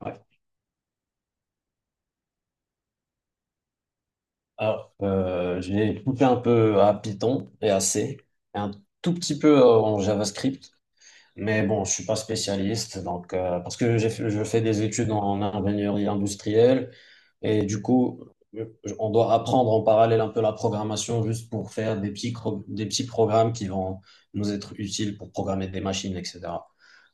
Ouais. Alors, j'ai touché un peu à Python et à C, et un tout petit peu en JavaScript. Mais bon, je suis pas spécialiste, donc parce que je fais des études en ingénierie industrielle et du coup, je- on doit apprendre en parallèle un peu la programmation juste pour faire des petits programmes qui vont nous être utiles pour programmer des machines, etc.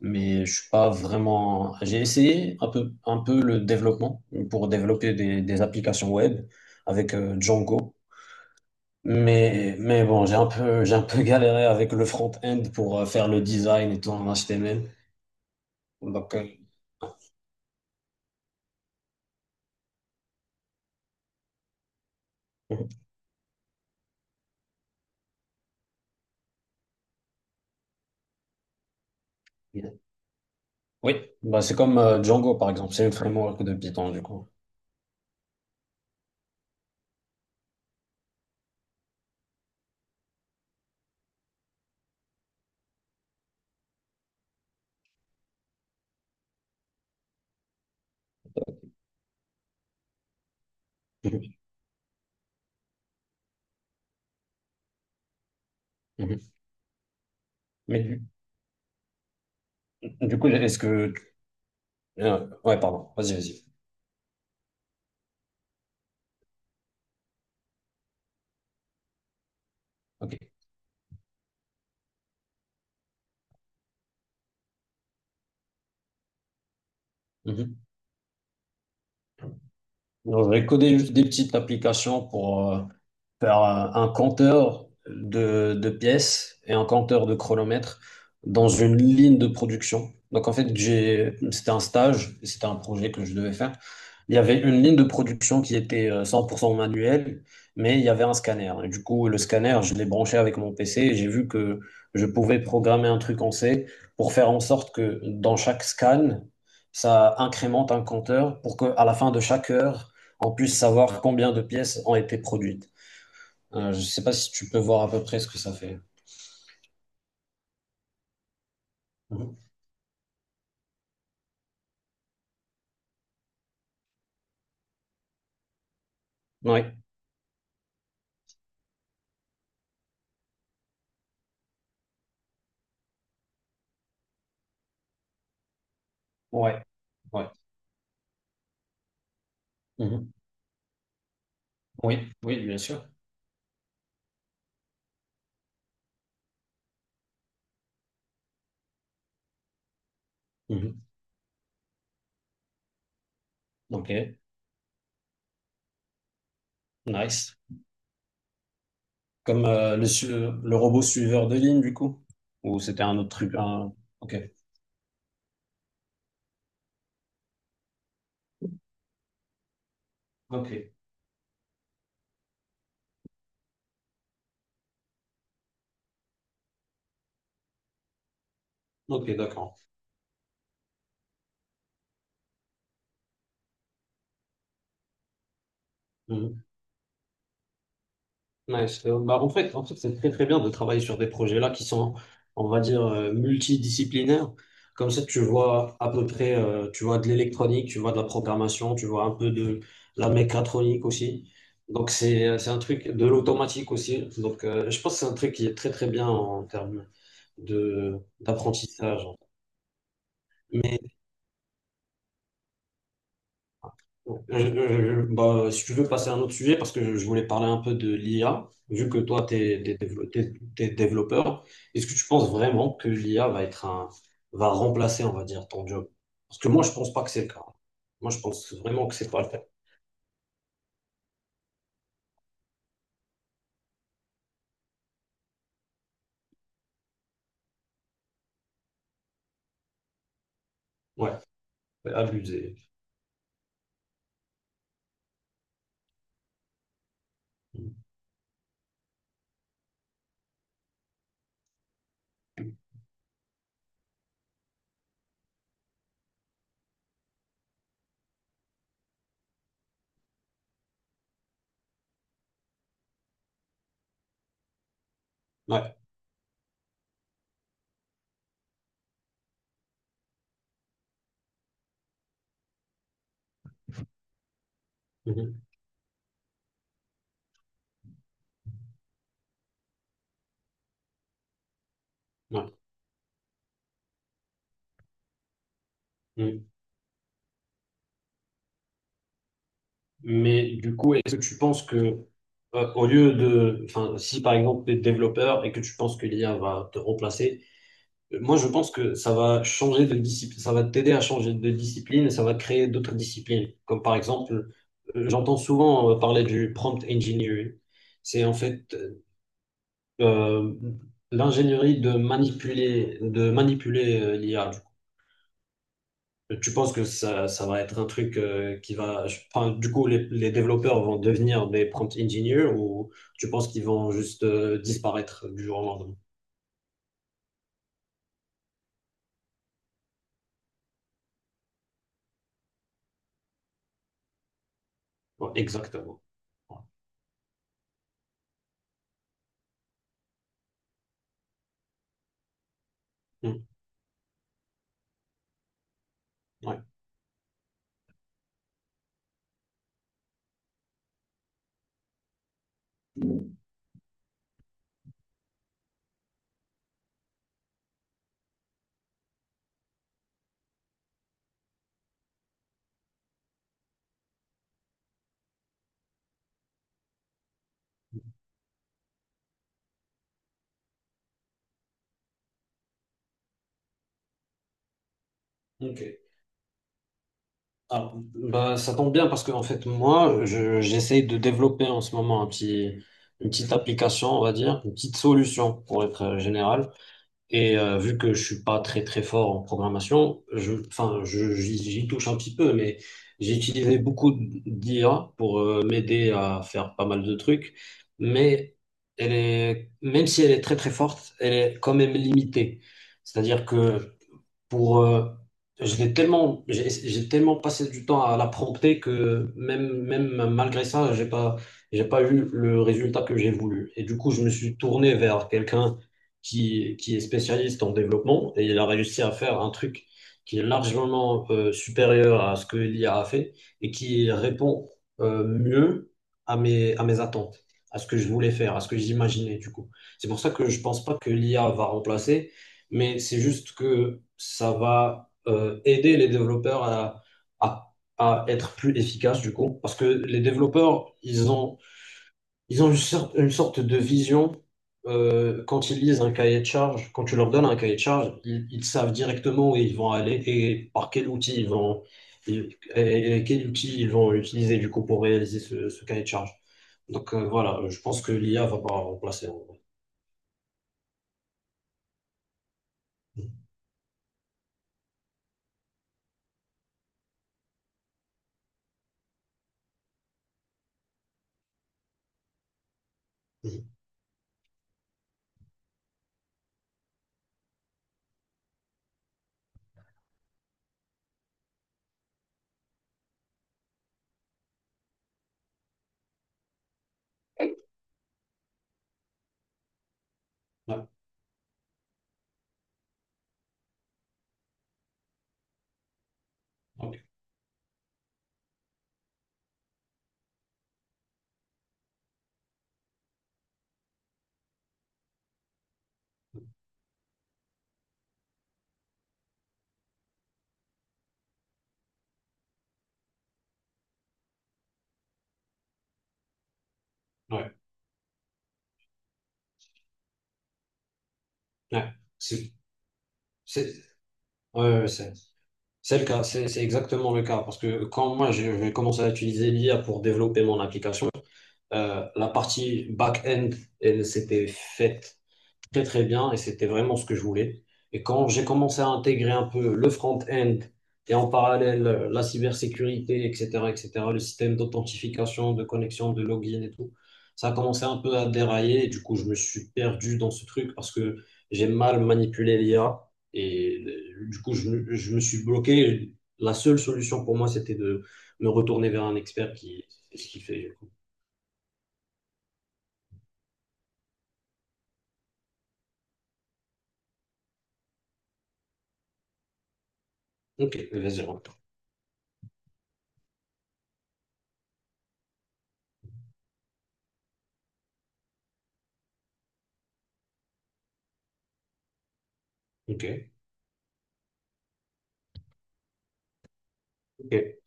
Mais je suis pas vraiment. J'ai essayé un peu le développement pour développer des applications web avec Django. Mais bon, j'ai un peu galéré avec le front-end pour faire le design et tout en HTML. Donc, mhm, mhm. Oui, bah, c'est comme Django, par exemple. C'est une framework de Python, du coup. Mhm, mhm. Mais du coup, est-ce que... ouais, pardon. Vas-y, vas-y. OK. Mhm. Donc, je vais coder juste des petites applications pour... par un compteur de pièces et un compteur de chronomètre dans une ligne de production. Donc en fait, c'était un stage, c'était un projet que je devais faire. Il y avait une ligne de production qui était 100% manuelle, mais il y avait un scanner. Et du coup, le scanner, je l'ai branché avec mon PC et j'ai vu que je pouvais programmer un truc en C pour faire en sorte que dans chaque scan, ça incrémente un compteur pour qu'à la fin de chaque heure, on puisse savoir combien de pièces ont été produites. Je sais pas si tu peux voir à peu près ce que ça fait. Mhm. Ouais, ouais, ouais. Mhm. Oui, oui, bien sûr. Mhm. Ok, nice. Comme le robot suiveur de ligne, du coup? Ou c'était un autre truc? Ok, ok, ok, d'accord. Ouais, bah, en fait, c'est très très bien de travailler sur des projets-là qui sont, on va dire, multidisciplinaires. Comme ça, tu vois à peu près, tu vois de l'électronique, tu vois de la programmation, tu vois un peu de la mécatronique aussi. Donc, c'est un truc de l'automatique aussi. Donc, je pense que c'est un truc qui est très très bien en termes d'apprentissage. Bah, si tu veux passer à un autre sujet, parce que je voulais parler un peu de l'IA, vu que toi, développeur, est-ce que tu penses vraiment que l'IA va être va remplacer, on va dire, ton job? Parce que moi, je pense pas que c'est le cas. Moi, je pense vraiment que c'est pas le cas. Ouais, c'est abusé. Ouais. Mhm. Ouais. Mhm. Mais du coup, est-ce que tu penses que, au lieu de, enfin, si par exemple, tu es développeur et que tu penses que l'IA va te remplacer, moi, je pense que ça va changer de discipline, ça va t'aider à changer de discipline et ça va créer d'autres disciplines. Comme par exemple, j'entends souvent parler du prompt engineering. C'est en fait euh, l'ingénierie de manipuler l'IA, du coup. Tu penses que ça va être un truc qui va, enfin, du coup, les développeurs vont devenir des prompt engineers ou tu penses qu'ils vont juste disparaître du jour au lendemain? Ouais, exactement. Ouais. Mm. Ouais. Ok. Ah, bah, ça tombe bien parce que en fait j'essaye de développer en ce moment un petit une petite application, on va dire une petite solution pour être général, et vu que je suis pas très très fort en programmation, je j'y touche un petit peu, mais j'ai utilisé beaucoup d'IA pour m'aider à faire pas mal de trucs. Mais elle est même si elle est très très forte, elle est quand même limitée. C'est-à-dire que pour je l'ai tellement, j'ai tellement passé du temps à la prompter que même malgré ça, j'ai pas eu le résultat que j'ai voulu. Et du coup, je me suis tourné vers quelqu'un qui est spécialiste en développement, et il a réussi à faire un truc qui est largement supérieur à ce que l'IA a fait, et qui répond mieux à mes attentes, à ce que je voulais faire, à ce que j'imaginais, du coup. C'est pour ça que je pense pas que l'IA va remplacer, mais c'est juste que ça va aider les développeurs à, à être plus efficaces du coup, parce que les développeurs, ils ont une sorte de vision quand ils lisent un cahier de charge, quand tu leur donnes un cahier de charge, ils savent directement où ils vont aller et par quel outil ils vont, et, et quel outil ils vont utiliser du coup pour réaliser ce cahier de charge. Donc voilà, je pense que l'IA va pas remplacer, en vrai. Mhm. Mhm. Ouais, ok. Ouais, ouais. C'est- c'est- Ouais, ouais, c'est le cas, c'est exactement le cas. Parce que quand moi je vais commencer à utiliser l'IA pour développer mon application, la partie back-end, elle s'était faite très très bien et c'était vraiment ce que je voulais. Et quand j'ai commencé à intégrer un peu le front-end et en parallèle la cybersécurité, etc., etc., le système d'authentification, de connexion, de login et tout, ça a commencé un peu à dérailler. Et du coup, je me suis perdu dans ce truc parce que j'ai mal manipulé l'IA et du coup, je me suis bloqué. La seule solution pour moi, c'était de me retourner vers un expert qui fait. Ok, vas-y, rentre. Ok, ok,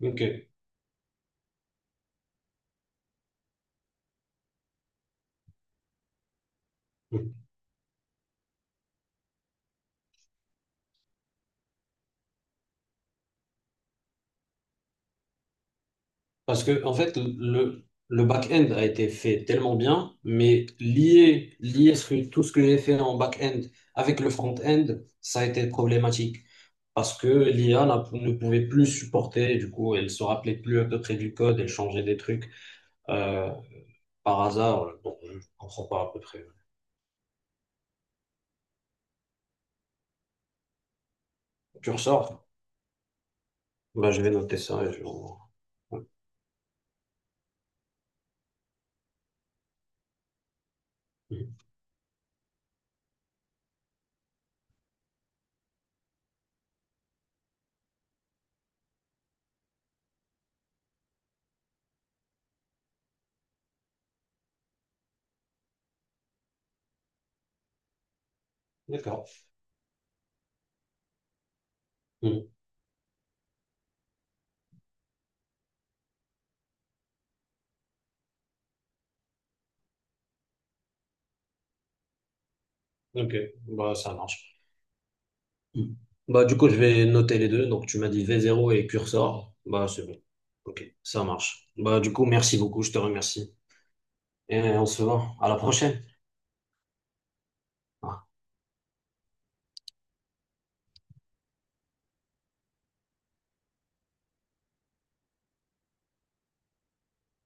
ok. Ok. Parce que, en fait, le back-end a été fait tellement bien, mais lier tout ce que j'ai fait en back-end avec le front-end, ça a été problématique. Parce que l'IA ne pouvait plus supporter, du coup, elle se rappelait plus à peu près du code, elle changeait des trucs euh, par hasard. Bon, je comprends pas à peu près. Tu ressors? Bah, je vais noter ça et je... Ouais. Mhm. D'accord. Mhm. Ok, bah, ça marche. Hmm. Bah, du coup, je vais noter les deux. Donc, tu m'as dit v0 et Cursor. Bah, c'est bon. Ok, ça marche. Bah, du coup, merci beaucoup. Je te remercie. Et on se voit. À la prochaine.